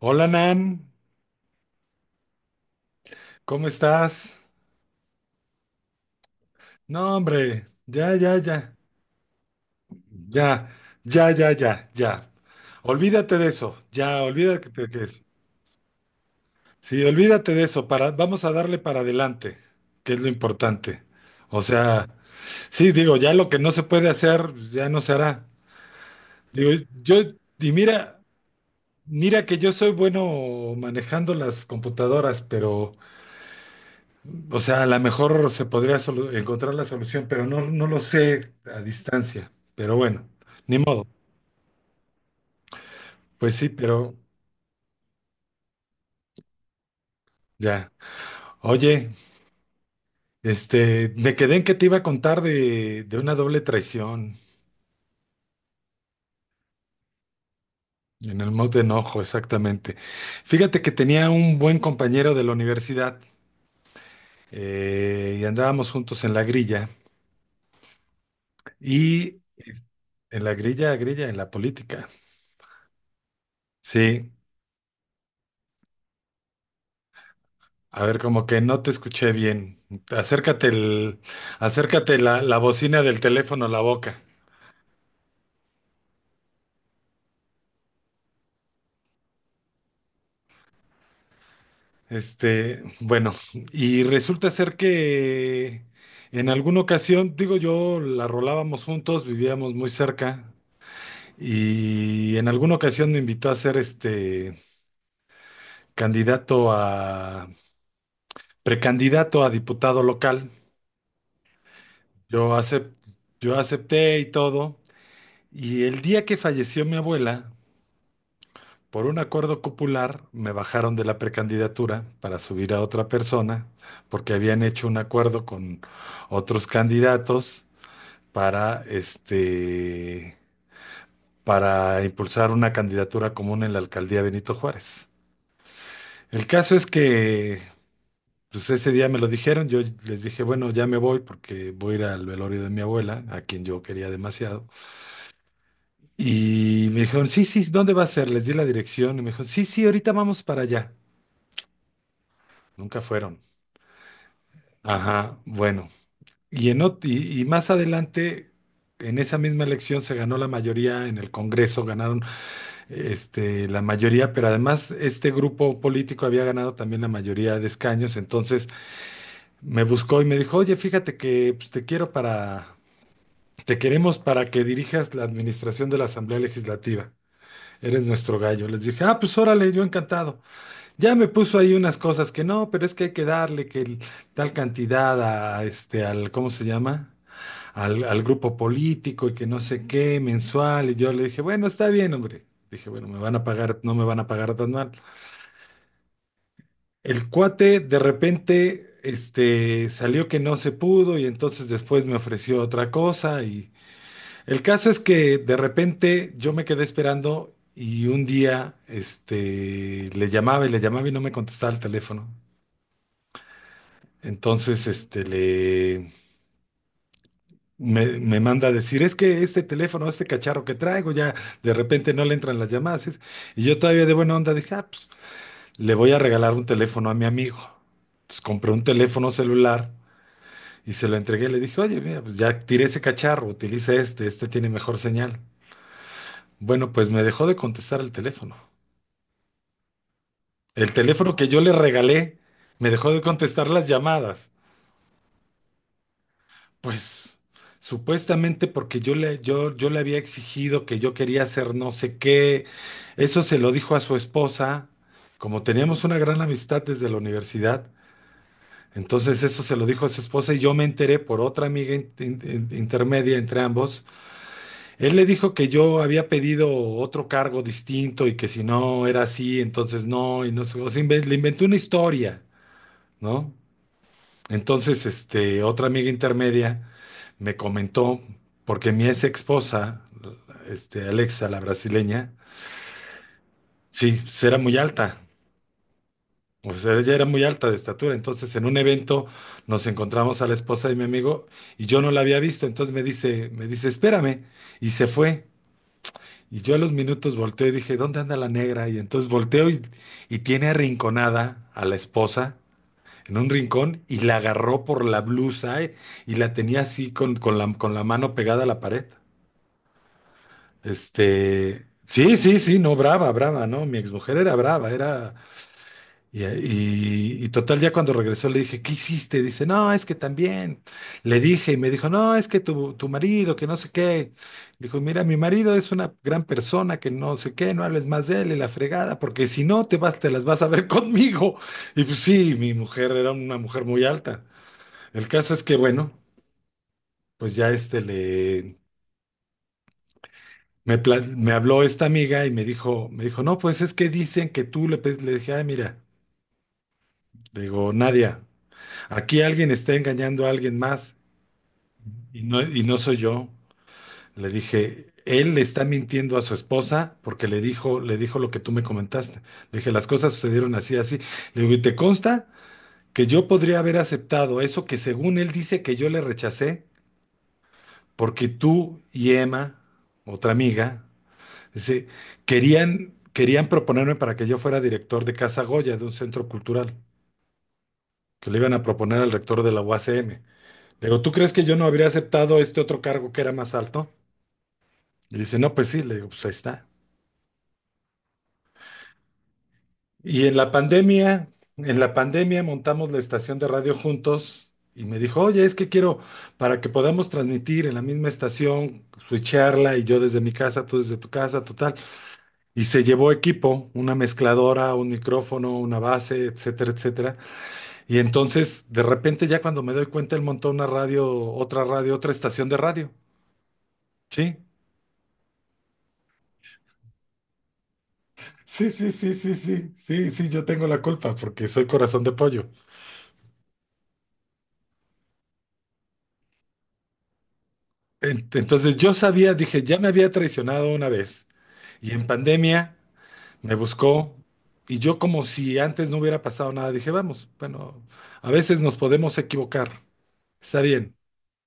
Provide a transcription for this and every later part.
Hola Nan, ¿cómo estás? No, hombre, ya, ya, ya, ya, ya, ya, ya, ya. Olvídate de eso, ya, olvídate de eso. Sí, olvídate de eso, para, vamos a darle para adelante, que es lo importante. O sea, sí, digo, ya lo que no se puede hacer, ya no se hará. Digo, yo, y mira, mira que yo soy bueno manejando las computadoras, pero o sea, a lo mejor se podría encontrar la solución, pero no, no lo sé a distancia. Pero bueno, ni modo. Pues sí, pero ya. Oye, me quedé en que te iba a contar de una doble traición en el Maut de enojo, exactamente. Fíjate que tenía un buen compañero de la universidad y andábamos juntos en la grilla y en la grilla, grilla, en la política. Sí. A ver, como que no te escuché bien. Acércate el, acércate la bocina del teléfono a la boca. Bueno, y resulta ser que en alguna ocasión, digo yo, la rolábamos juntos, vivíamos muy cerca, y en alguna ocasión me invitó a ser candidato a, precandidato a diputado local. Yo acep- yo acepté y todo, y el día que falleció mi abuela, por un acuerdo popular me bajaron de la precandidatura para subir a otra persona porque habían hecho un acuerdo con otros candidatos para este para impulsar una candidatura común en la alcaldía Benito Juárez. El caso es que pues ese día me lo dijeron, yo les dije, bueno, ya me voy porque voy a ir al velorio de mi abuela, a quien yo quería demasiado. Y me dijeron, sí, sí, ¿dónde va a ser? Les di la dirección y me dijeron, sí, sí, ahorita vamos para allá. Nunca fueron. Ajá, bueno. Y más adelante, en esa misma elección se ganó la mayoría en el Congreso, ganaron la mayoría, pero además este grupo político había ganado también la mayoría de escaños, entonces me buscó y me dijo, oye, fíjate que pues, te queremos para que dirijas la administración de la Asamblea Legislativa. Eres nuestro gallo. Les dije, ah, pues órale, yo encantado. Ya me puso ahí unas cosas que no, pero es que hay que darle que tal cantidad a ¿cómo se llama? Al, al grupo político y que no sé qué, mensual. Y yo le dije, bueno, está bien, hombre. Dije, bueno, me van a pagar, no me van a pagar tan mal. El cuate de repente, salió que no se pudo y entonces después me ofreció otra cosa. Y el caso es que de repente yo me quedé esperando y un día, este, le llamaba y no me contestaba el teléfono. Entonces, me, me manda a decir, es que este teléfono, este cacharro que traigo, ya de repente no le entran las llamadas. Y yo todavía de buena onda dije, ah, pues, le voy a regalar un teléfono a mi amigo. Entonces compré un teléfono celular y se lo entregué. Le dije, oye, mira, pues ya tiré ese cacharro, utiliza este, este tiene mejor señal. Bueno, pues me dejó de contestar el teléfono. El teléfono que yo le regalé me dejó de contestar las llamadas. Pues supuestamente porque yo le había exigido que yo quería hacer no sé qué, eso se lo dijo a su esposa, como teníamos una gran amistad desde la universidad, entonces eso se lo dijo a su esposa y yo me enteré por otra amiga intermedia entre ambos. Él le dijo que yo había pedido otro cargo distinto y que si no era así, entonces no, y no sé, o sea, le inventé una historia, ¿no? Entonces, otra amiga intermedia me comentó, porque mi ex esposa, Alexa, la brasileña, sí, pues era muy alta. O sea, ella era muy alta de estatura. Entonces, en un evento nos encontramos a la esposa de mi amigo y yo no la había visto. Entonces espérame. Y se fue. Y yo a los minutos volteo y dije, ¿dónde anda la negra? Y entonces volteo y tiene arrinconada a la esposa en un rincón y la agarró por la blusa y la tenía así con la mano pegada a la pared. Sí, sí, sí, no, brava, brava, ¿no? Mi exmujer era brava, era... Y total, ya cuando regresó le dije, ¿qué hiciste? Dice, no, es que también. Le dije y me dijo, no, es que tu marido, que no sé qué. Dijo, mira, mi marido es una gran persona, que no sé qué, no hables más de él y la fregada, porque si no, te vas, te las vas a ver conmigo. Y pues sí, mi mujer era una mujer muy alta. El caso es que, bueno, pues ya Me, me habló esta amiga y no, pues es que dicen que tú le pediste, le dije, ay, mira, le digo, Nadia, aquí alguien está engañando a alguien más y no soy yo. Le dije, él le está mintiendo a su esposa porque le dijo lo que tú me comentaste. Le dije, las cosas sucedieron así, así. Le digo, ¿y te consta que yo podría haber aceptado eso que según él dice que yo le rechacé? Porque tú y Emma, otra amiga, sí, querían proponerme para que yo fuera director de Casa Goya, de un centro cultural, que le iban a proponer al rector de la UACM. Le digo, ¿tú crees que yo no habría aceptado este otro cargo que era más alto? Y dice, no, pues sí, le digo, pues ahí está. Y en la pandemia montamos la estación de radio juntos y me dijo, oye, es que quiero, para que podamos transmitir en la misma estación, switcharla y yo desde mi casa, tú desde tu casa, total. Y se llevó equipo, una mezcladora, un micrófono, una base, etcétera, etcétera. Y entonces, de repente, ya cuando me doy cuenta, él montó una radio, otra estación de radio. Sí. Sí, sí, sí, sí, sí, sí, sí, yo tengo la culpa porque soy corazón de pollo. En- Entonces yo sabía, dije, ya me había traicionado una vez y en pandemia me buscó y yo como si antes no hubiera pasado nada, dije, vamos, bueno, a veces nos podemos equivocar, está bien,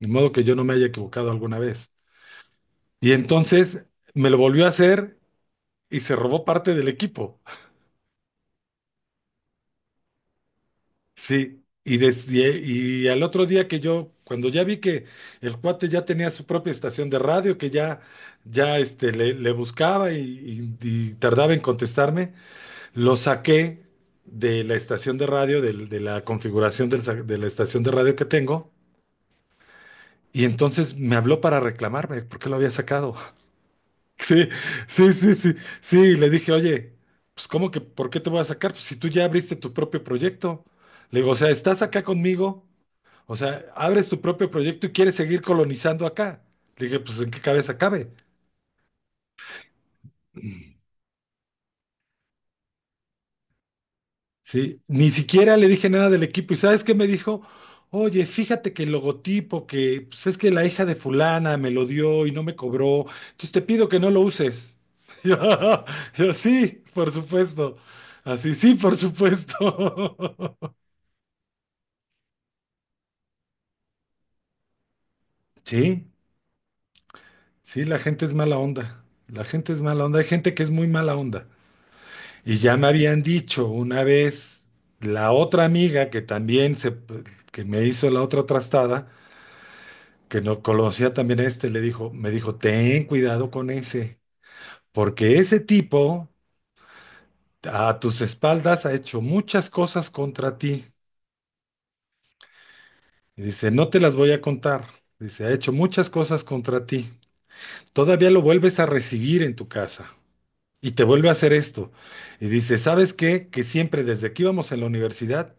de modo que yo no me haya equivocado alguna vez. Y entonces me lo volvió a hacer y se robó parte del equipo. Sí, y, desde, y al otro día que yo, cuando ya vi que el cuate ya tenía su propia estación de radio, que ya, ya le buscaba y, y tardaba en contestarme, lo saqué de la estación de radio, la configuración de la estación de radio que tengo, y entonces me habló para reclamarme por qué lo había sacado. Sí, sí, sí, sí, sí, y le dije, oye, pues ¿cómo que por qué te voy a sacar? Pues si tú ya abriste tu propio proyecto. Le digo, o sea, estás acá conmigo, o sea, abres tu propio proyecto y quieres seguir colonizando acá. Le dije, pues, ¿en qué cabeza cabe? Sí, ni siquiera le dije nada del equipo. ¿Y sabes qué me dijo? Oye, fíjate que el logotipo, que pues es que la hija de fulana me lo dio y no me cobró. Entonces te pido que no lo uses. Yo, yo, sí, por supuesto. Así, sí, por supuesto. Sí, sí, la gente es mala onda. La gente es mala onda. Hay gente que es muy mala onda. Y ya me habían dicho una vez la otra amiga que también se, que me hizo la otra trastada, que no conocía también a este, le dijo, me dijo, ten cuidado con ese, porque ese tipo a tus espaldas ha hecho muchas cosas contra ti. Y dice, no te las voy a contar. Dice, ha hecho muchas cosas contra ti. Todavía lo vuelves a recibir en tu casa y te vuelve a hacer esto. Y dice, ¿sabes qué? Que siempre desde que íbamos en la universidad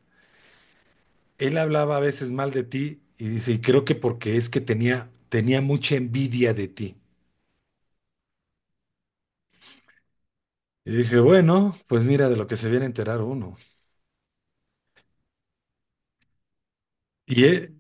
él hablaba a veces mal de ti y dice, y creo que porque es que tenía mucha envidia de ti. Y dije, bueno, pues mira de lo que se viene a enterar uno. Y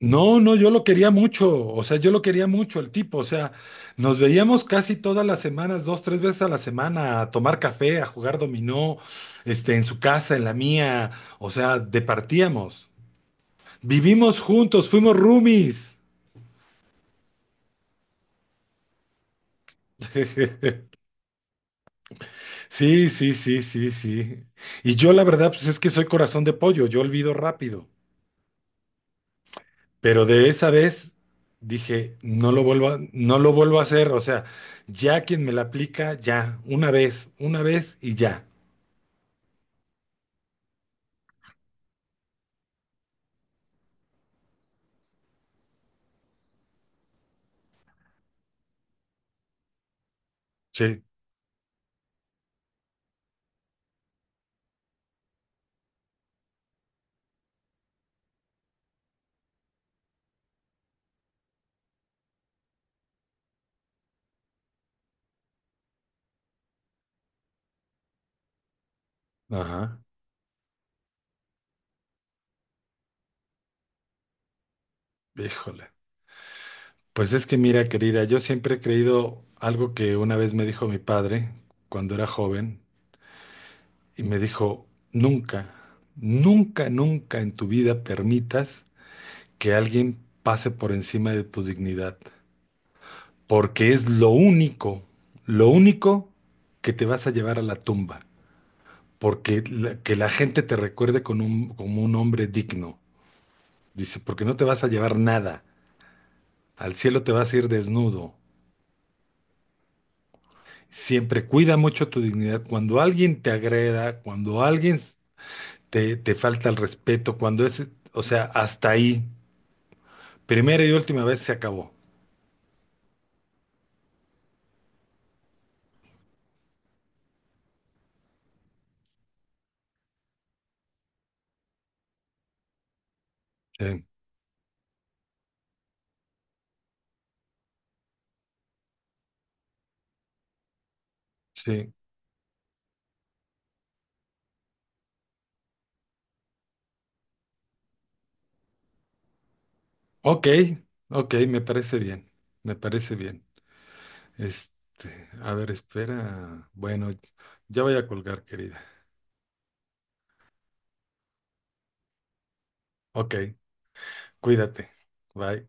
no, no, yo lo quería mucho, o sea, yo lo quería mucho el tipo, o sea, nos veíamos casi todas las semanas, dos, tres veces a la semana, a tomar café, a jugar dominó, en su casa, en la mía, o sea, departíamos. Vivimos juntos, fuimos roomies. Sí, sí, sí, sí, sí. Y yo la verdad, pues es que soy corazón de pollo, yo olvido rápido. Pero de esa vez dije, no lo vuelvo a hacer. O sea, ya quien me la aplica, ya, una vez y ya. Sí. Ajá. Híjole. Pues es que mira, querida, yo siempre he creído algo que una vez me dijo mi padre cuando era joven, y me dijo, nunca, nunca, nunca en tu vida permitas que alguien pase por encima de tu dignidad, porque es lo único que te vas a llevar a la tumba, porque que la gente te recuerde con un, como un hombre digno. Dice, porque no te vas a llevar nada, al cielo te vas a ir desnudo. Siempre cuida mucho tu dignidad. Cuando alguien te agreda, cuando alguien te falta el respeto, cuando es, o sea, hasta ahí, primera y última vez se acabó. Sí, sí. Ok, ok, me parece bien, me parece bien. A ver, espera. Bueno, ya voy a colgar, querida. Ok, cuídate. Bye.